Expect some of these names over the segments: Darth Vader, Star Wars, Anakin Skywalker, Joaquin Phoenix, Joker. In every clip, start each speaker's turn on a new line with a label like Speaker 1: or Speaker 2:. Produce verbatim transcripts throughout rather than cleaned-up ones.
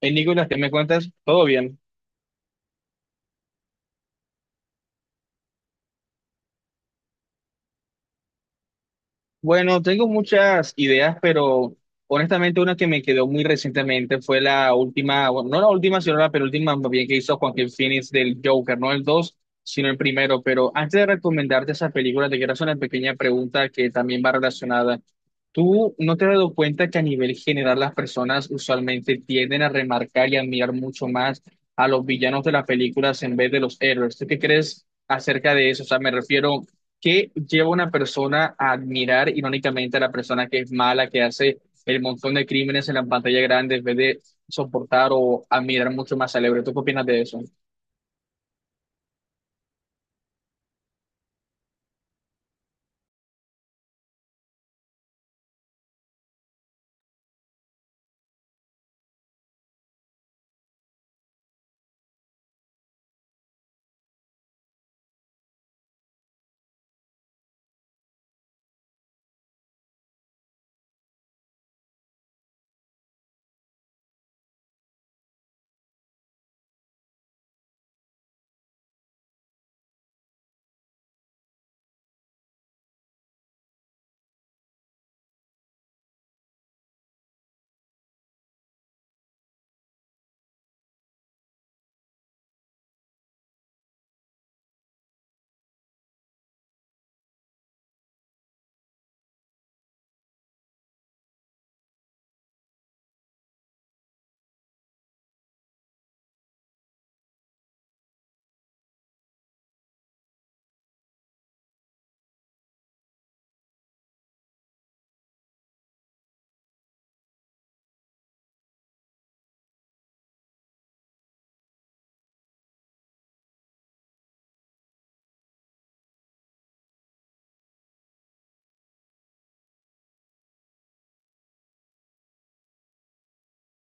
Speaker 1: Hey, Nicolás, ¿qué me cuentas? ¿Todo bien? Bueno, tengo muchas ideas, pero honestamente una que me quedó muy recientemente fue la última, bueno, no la última, sino la penúltima, más bien que hizo Joaquin Phoenix del Joker, no el dos, sino el primero. Pero antes de recomendarte esa película, te quiero hacer una pequeña pregunta que también va relacionada. ¿Tú no te has dado cuenta que a nivel general las personas usualmente tienden a remarcar y admirar mucho más a los villanos de las películas en vez de los héroes? ¿Tú qué crees acerca de eso? O sea, me refiero, que lleva a una persona a admirar irónicamente a la persona que es mala, que hace el montón de crímenes en la pantalla grande, en vez de soportar o admirar mucho más al héroe? ¿Tú qué opinas de eso?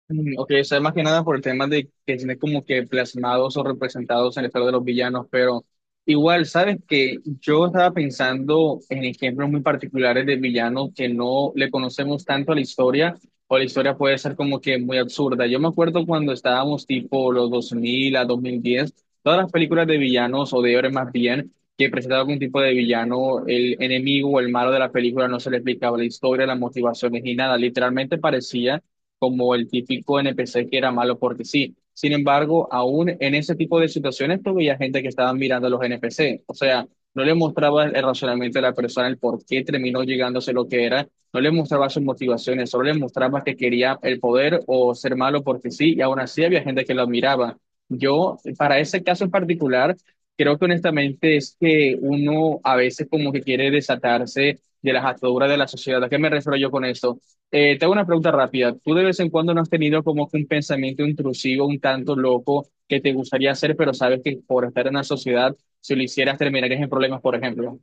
Speaker 1: Mm, ok, o sea, más que nada por el tema de que tiene como que plasmados o representados en el estado de los villanos, pero igual, sabes que yo estaba pensando en ejemplos muy particulares de villanos que no le conocemos tanto a la historia, o la historia puede ser como que muy absurda. Yo me acuerdo cuando estábamos tipo los dos mil a dos mil diez, todas las películas de villanos o de héroes más bien, que presentaba algún tipo de villano, el enemigo o el malo de la película no se le explicaba la historia, las motivaciones ni nada, literalmente parecía como el típico N P C que era malo porque sí. Sin embargo, aún en ese tipo de situaciones, tú veías gente que estaba mirando a los N P C. O sea, no le mostraba el razonamiento de la persona, el por qué terminó llegándose lo que era. No le mostraba sus motivaciones, solo le mostraba que quería el poder o ser malo porque sí. Y aún así había gente que lo admiraba. Yo, para ese caso en particular, creo que honestamente es que uno a veces como que quiere desatarse de las ataduras de la sociedad. ¿A qué me refiero yo con esto? Eh, te hago una pregunta rápida. ¿Tú de vez en cuando no has tenido como que un pensamiento intrusivo, un tanto loco, que te gustaría hacer, pero sabes que por estar en la sociedad, si lo hicieras, terminarías en problemas, por ejemplo?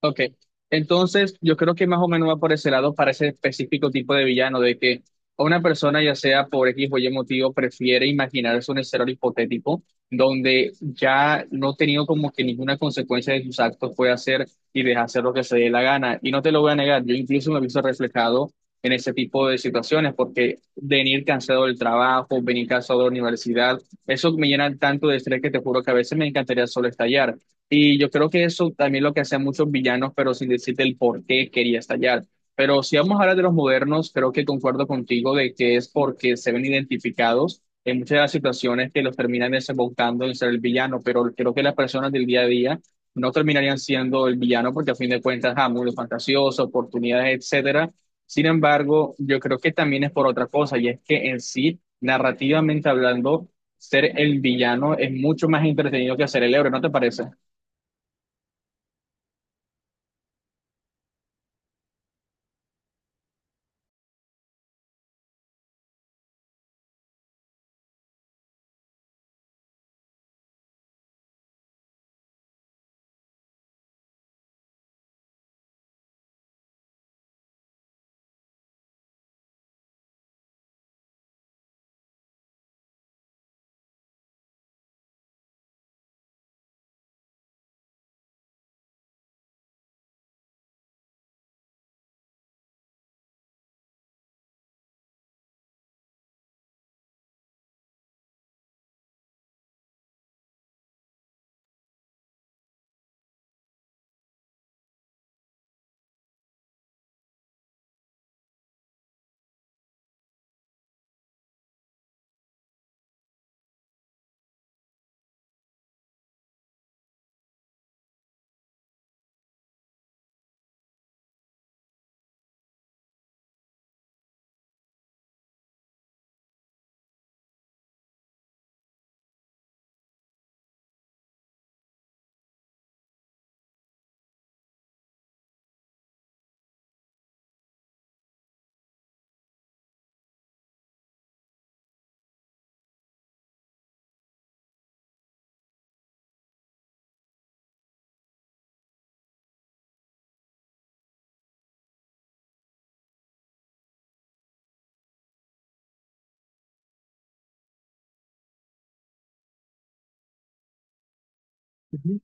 Speaker 1: Ok, entonces yo creo que más o menos va por ese lado para ese específico tipo de villano, de que una persona, ya sea por X o Y motivo, prefiere imaginarse un escenario hipotético donde ya no ha tenido como que ninguna consecuencia de sus actos, puede hacer y deja hacer lo que se dé la gana. Y no te lo voy a negar, yo incluso me he visto reflejado en ese tipo de situaciones, porque venir cansado del trabajo, venir cansado de la universidad, eso me llena tanto de estrés que te juro que a veces me encantaría solo estallar. Y yo creo que eso también lo que hacían muchos villanos, pero sin decirte el por qué quería estallar. Pero si vamos a hablar de los modernos, creo que concuerdo contigo de que es porque se ven identificados en muchas de las situaciones que los terminan desembocando en ser el villano, pero creo que las personas del día a día no terminarían siendo el villano porque a fin de cuentas, ah, mundo fantasioso, oportunidades, etcétera. Sin embargo, yo creo que también es por otra cosa, y es que en sí, narrativamente hablando, ser el villano es mucho más entretenido que ser el héroe, ¿no te parece? Ujú.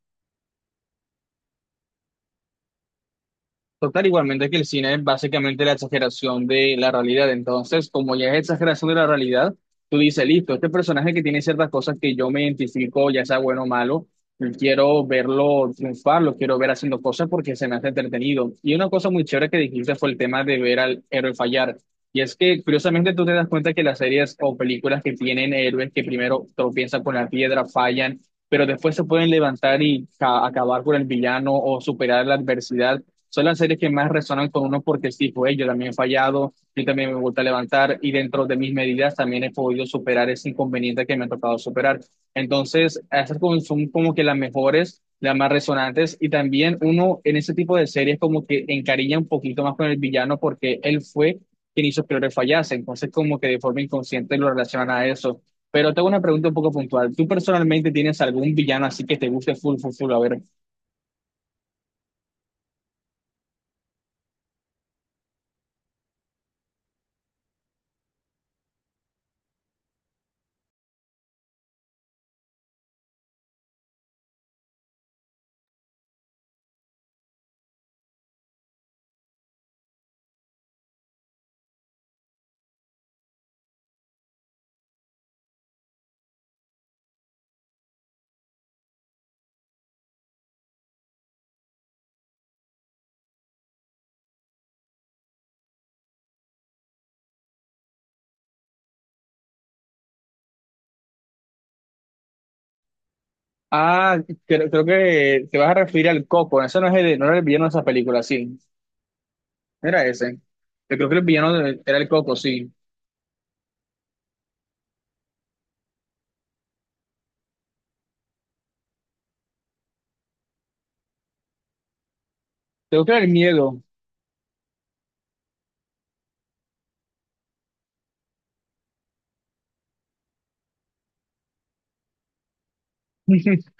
Speaker 1: Total, igualmente que el cine es básicamente la exageración de la realidad. Entonces, como ya es exageración de la realidad, tú dices, listo, este personaje que tiene ciertas cosas que yo me identifico, ya sea bueno o malo, y quiero verlo triunfar, lo quiero ver haciendo cosas porque se me hace entretenido. Y una cosa muy chévere que dijiste fue el tema de ver al héroe fallar. Y es que, curiosamente, tú te das cuenta que las series o películas que tienen héroes que primero tropiezan con la piedra, fallan, pero después se pueden levantar y ca- acabar con el villano o superar la adversidad son las series que más resonan con uno porque sí, pues yo también he fallado, yo también me gusta levantar y dentro de mis medidas también he podido superar ese inconveniente que me ha tocado superar. Entonces, esas como- son como que las mejores, las más resonantes y también uno en ese tipo de series como que encariña un poquito más con el villano porque él fue quien hizo que Lore fallase, entonces como que de forma inconsciente lo relacionan a eso. Pero tengo una pregunta un poco puntual. ¿Tú personalmente tienes algún villano así que te guste full, full, full? A ver. Ah, creo, creo que te vas a referir al Coco. Ese no es el, no era el villano de esa película, sí. Era ese. Yo creo que el villano de- era el Coco, sí. Creo que era el miedo.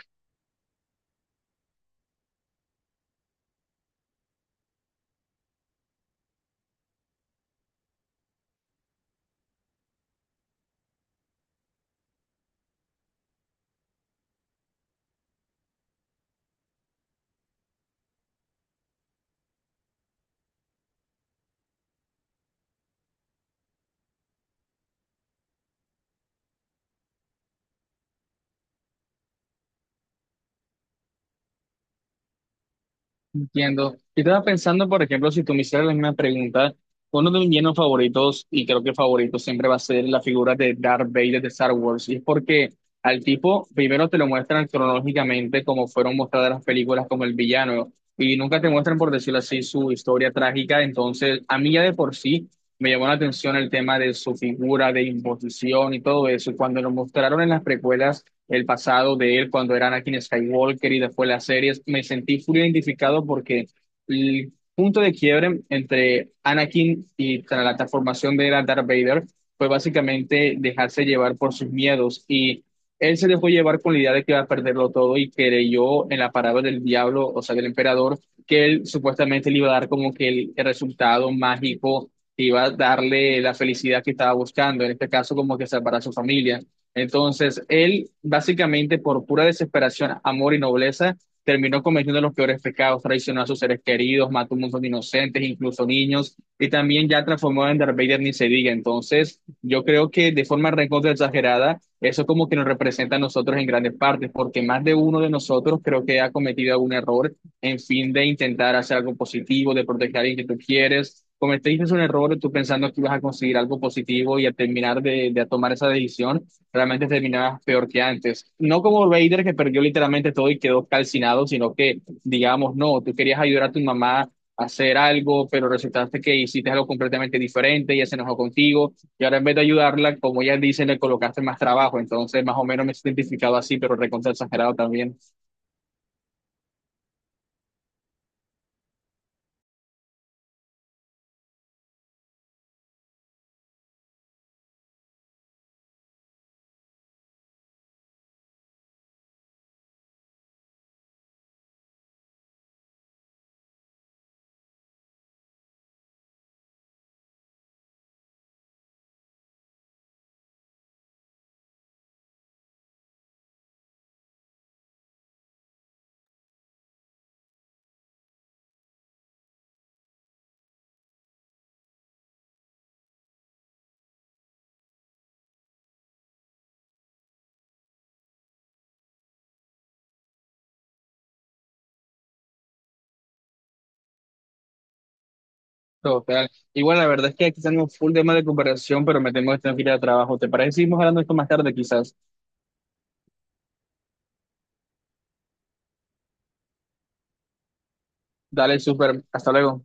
Speaker 1: Entiendo. Yo estaba pensando, por ejemplo, si tú me hicieras la misma pregunta, uno de mis villanos favoritos, y creo que favorito siempre va a ser la figura de Darth Vader de Star Wars, y es porque al tipo primero te lo muestran cronológicamente como fueron mostradas las películas como el villano, y nunca te muestran, por decirlo así, su historia trágica, entonces a mí ya de por sí me llamó la atención el tema de su figura, de imposición y todo eso, cuando lo mostraron en las precuelas el pasado de él cuando era Anakin Skywalker y después las series, me sentí full identificado porque el punto de quiebre entre Anakin y tras la transformación de era Darth Vader fue básicamente dejarse llevar por sus miedos y él se dejó llevar con la idea de que iba a perderlo todo y creyó en la palabra del diablo, o sea, del emperador, que él supuestamente le iba a dar como que el, el resultado mágico, que iba a darle la felicidad que estaba buscando, en este caso como que salvar a su familia. Entonces, él básicamente por pura desesperación, amor y nobleza, terminó cometiendo los peores pecados, traicionó a sus seres queridos, mató a muchos inocentes, incluso niños, y también ya transformó en Darth Vader ni se diga. Entonces, yo creo que de forma recontra exagerada, eso como que nos representa a nosotros en grandes partes, porque más de uno de nosotros creo que ha cometido algún error en fin de intentar hacer algo positivo, de proteger a alguien que tú quieres. Cometiste un error tú pensando que ibas a conseguir algo positivo y a terminar de, de tomar esa decisión realmente terminaba peor que antes. No como Vader que perdió literalmente todo y quedó calcinado, sino que, digamos, no, tú querías ayudar a tu mamá a hacer algo, pero resultaste que hiciste algo completamente diferente, ella se enojó contigo y ahora en vez de ayudarla, como ella dice, le colocaste más trabajo. Entonces, más o menos me he identificado así, pero recontra exagerado también. Total. Igual, la verdad es que aquí tenemos full tema de comparación, pero me tengo que estar en fila de trabajo. ¿Te parece que seguimos hablando de esto más tarde, quizás? Dale, súper. Hasta luego.